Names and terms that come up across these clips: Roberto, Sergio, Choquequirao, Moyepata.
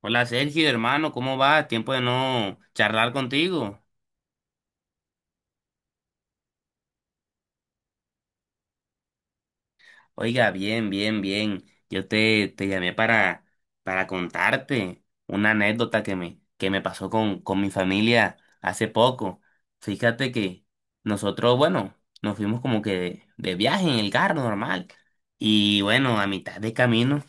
Hola Sergio, hermano, ¿cómo vas? Tiempo de no charlar contigo. Oiga, bien, bien, bien. Yo te llamé para contarte una anécdota que me pasó con mi familia hace poco. Fíjate que nosotros, bueno, nos fuimos como que de viaje en el carro normal. Y bueno, a mitad de camino,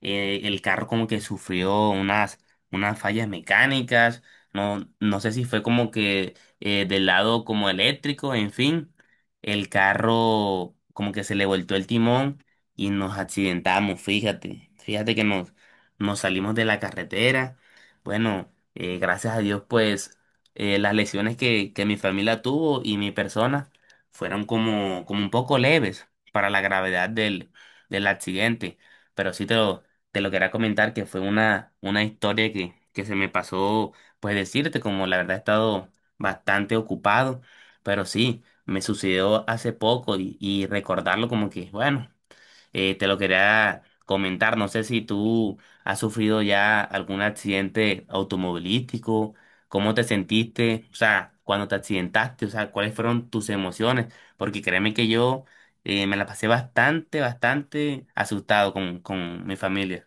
el carro como que sufrió unas fallas mecánicas, no sé si fue como que del lado como eléctrico, en fin, el carro como que se le voltó el timón y nos accidentamos, fíjate, nos salimos de la carretera, bueno, gracias a Dios pues las lesiones que mi familia tuvo y mi persona fueron como, como un poco leves para la gravedad del accidente, pero te lo quería comentar que fue una historia que se me pasó, pues decirte, como la verdad he estado bastante ocupado, pero sí, me sucedió hace poco y recordarlo como que, bueno, te lo quería comentar, no sé si tú has sufrido ya algún accidente automovilístico, cómo te sentiste, o sea, cuando te accidentaste, o sea, cuáles fueron tus emociones, porque créeme que yo me la pasé bastante, bastante asustado con mi familia.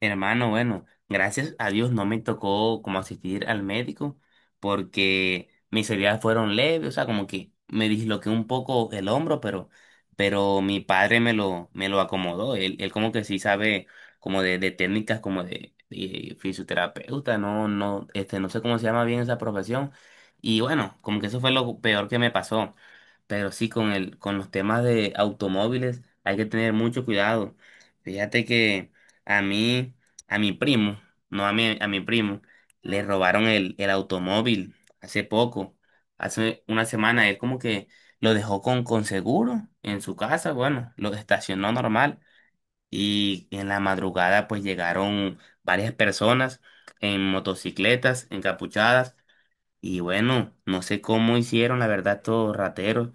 Hermano, bueno, gracias a Dios no me tocó como asistir al médico porque mis heridas fueron leves, o sea, como que me disloqué un poco el hombro, pero mi padre me lo acomodó. Él como que sí sabe como de técnicas como de fisioterapeuta, no, no, este, no sé cómo se llama bien esa profesión. Y bueno, como que eso fue lo peor que me pasó. Pero sí, con el, con los temas de automóviles hay que tener mucho cuidado. Fíjate que a mí, a mi primo, no a mí, a mi primo, le robaron el automóvil hace poco, hace una semana. Él como que lo dejó con seguro en su casa, bueno, lo estacionó normal. Y en la madrugada pues llegaron varias personas en motocicletas, encapuchadas. Y bueno, no sé cómo hicieron, la verdad, todos rateros,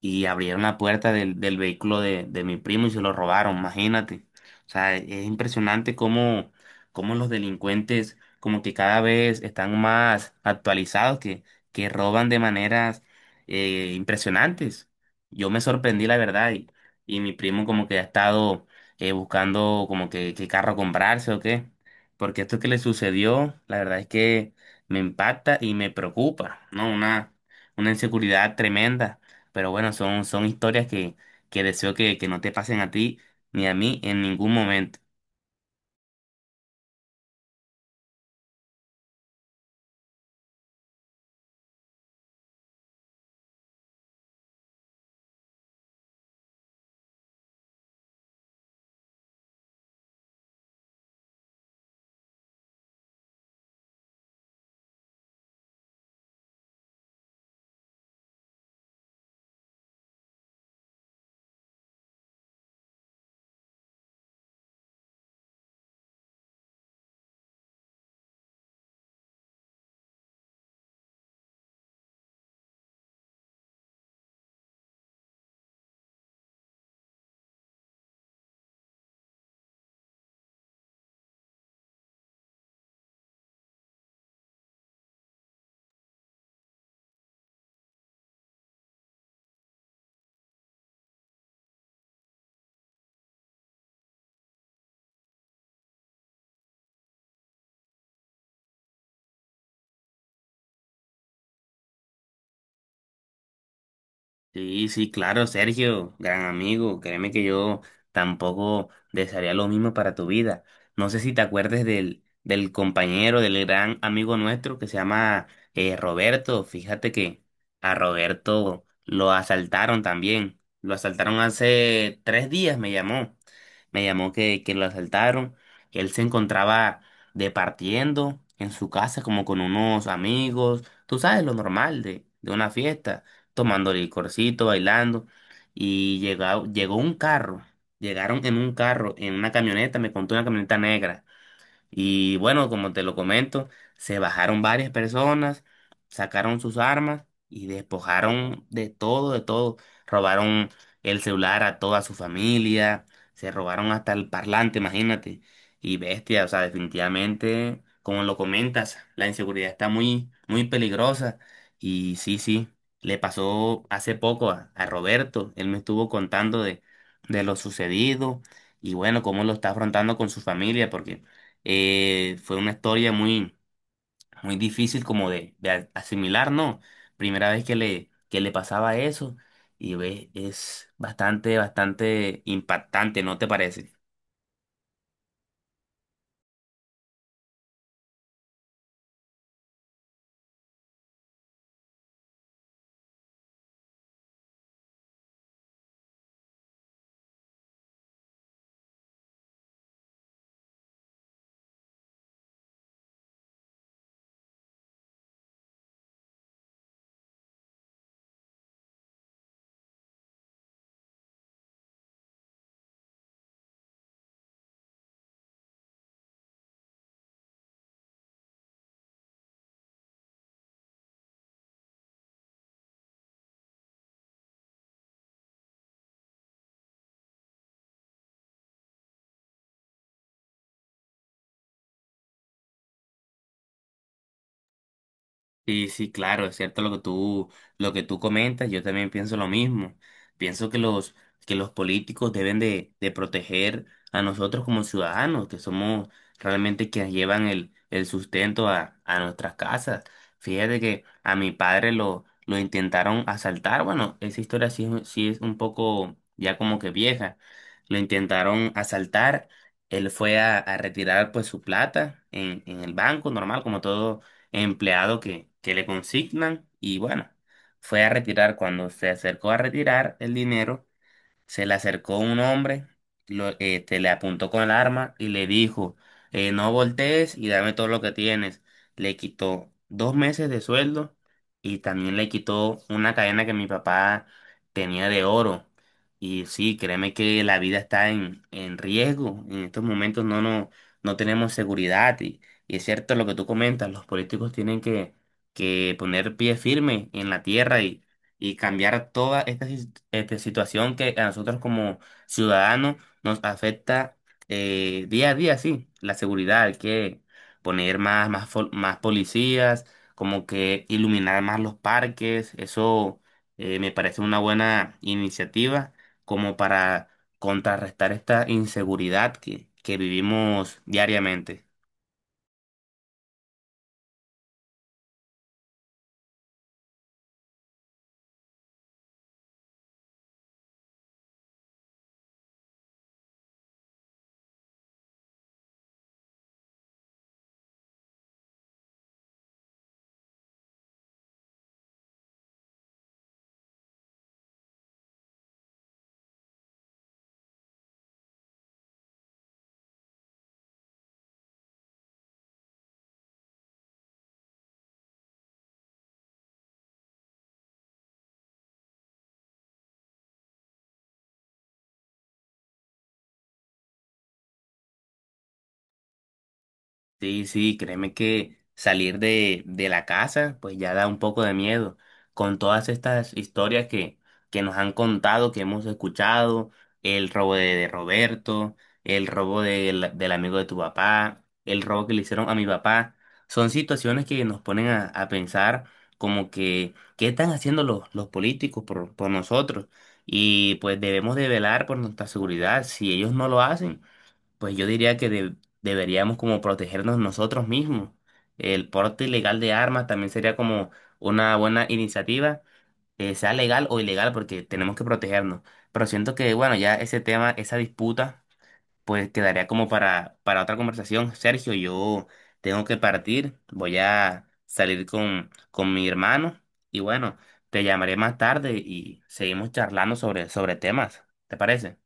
y abrieron la puerta del vehículo de mi primo y se lo robaron, imagínate. O sea, es impresionante cómo, cómo los delincuentes como que cada vez están más actualizados, que roban de maneras impresionantes. Yo me sorprendí, la verdad, y mi primo como que ha estado buscando como que qué carro comprarse o qué, porque esto que le sucedió, la verdad es que me impacta y me preocupa, ¿no? Una inseguridad tremenda. Pero bueno, son, son historias que deseo que no te pasen a ti ni a mí en ningún momento. Sí, sí, claro, Sergio, gran amigo. Créeme que yo tampoco desearía lo mismo para tu vida. No sé si te acuerdes del compañero, del gran amigo nuestro que se llama Roberto. Fíjate que a Roberto lo asaltaron también. Lo asaltaron hace tres días, me llamó. Me llamó que lo asaltaron. Él se encontraba departiendo en su casa como con unos amigos. Tú sabes lo normal de una fiesta tomando licorcito, bailando, y llegó un carro, llegaron en un carro, en una camioneta, me contó una camioneta negra. Y bueno, como te lo comento, se bajaron varias personas, sacaron sus armas y despojaron de todo, de todo. Robaron el celular a toda su familia, se robaron hasta el parlante, imagínate. Y bestia, o sea, definitivamente, como lo comentas, la inseguridad está muy, muy peligrosa. Y sí, sí, le pasó hace poco a Roberto, él me estuvo contando de lo sucedido y bueno, cómo lo está afrontando con su familia, porque... fue una historia muy, muy difícil como de asimilar, ¿no? Primera vez que le pasaba eso y ves, es bastante, bastante impactante, ¿no te parece? Sí, sí, claro, es cierto lo que tú comentas, yo también pienso lo mismo. Pienso que que los políticos deben de proteger a nosotros como ciudadanos, que somos realmente quienes llevan el sustento a nuestras casas. Fíjate que a mi padre lo intentaron asaltar, bueno, esa historia sí, sí es un poco ya como que vieja. Lo intentaron asaltar, él fue a retirar pues su plata en el banco normal, como todo empleado que le consignan y bueno, fue a retirar. Cuando se acercó a retirar el dinero, se le acercó un hombre, este, le apuntó con el arma y le dijo, no voltees y dame todo lo que tienes. Le quitó dos meses de sueldo y también le quitó una cadena que mi papá tenía de oro. Y sí, créeme que la vida está en riesgo. En estos momentos no, no, no tenemos seguridad. Y es cierto lo que tú comentas, los políticos tienen que poner pie firme en la tierra y cambiar toda esta, este, situación que a nosotros como ciudadanos nos afecta día a día. Sí, la seguridad, hay que poner más, más policías, como que iluminar más los parques, eso me parece una buena iniciativa como para contrarrestar esta inseguridad que vivimos diariamente. Sí, sí, créeme que salir de la casa pues ya da un poco de miedo con todas estas historias que nos han contado, que hemos escuchado, el robo de Roberto, el robo del amigo de tu papá, el robo que le hicieron a mi papá, son situaciones que nos ponen a pensar como que qué están haciendo los políticos por nosotros, y pues debemos de velar por nuestra seguridad, si ellos no lo hacen pues yo diría que deberíamos como protegernos nosotros mismos. El porte ilegal de armas también sería como una buena iniciativa, sea legal o ilegal, porque tenemos que protegernos. Pero siento que, bueno, ya ese tema, esa disputa, pues quedaría como para otra conversación. Sergio, yo tengo que partir, voy a salir con mi hermano y bueno, te llamaré más tarde y seguimos charlando sobre, sobre temas. ¿Te parece?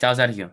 Chao, Sergio.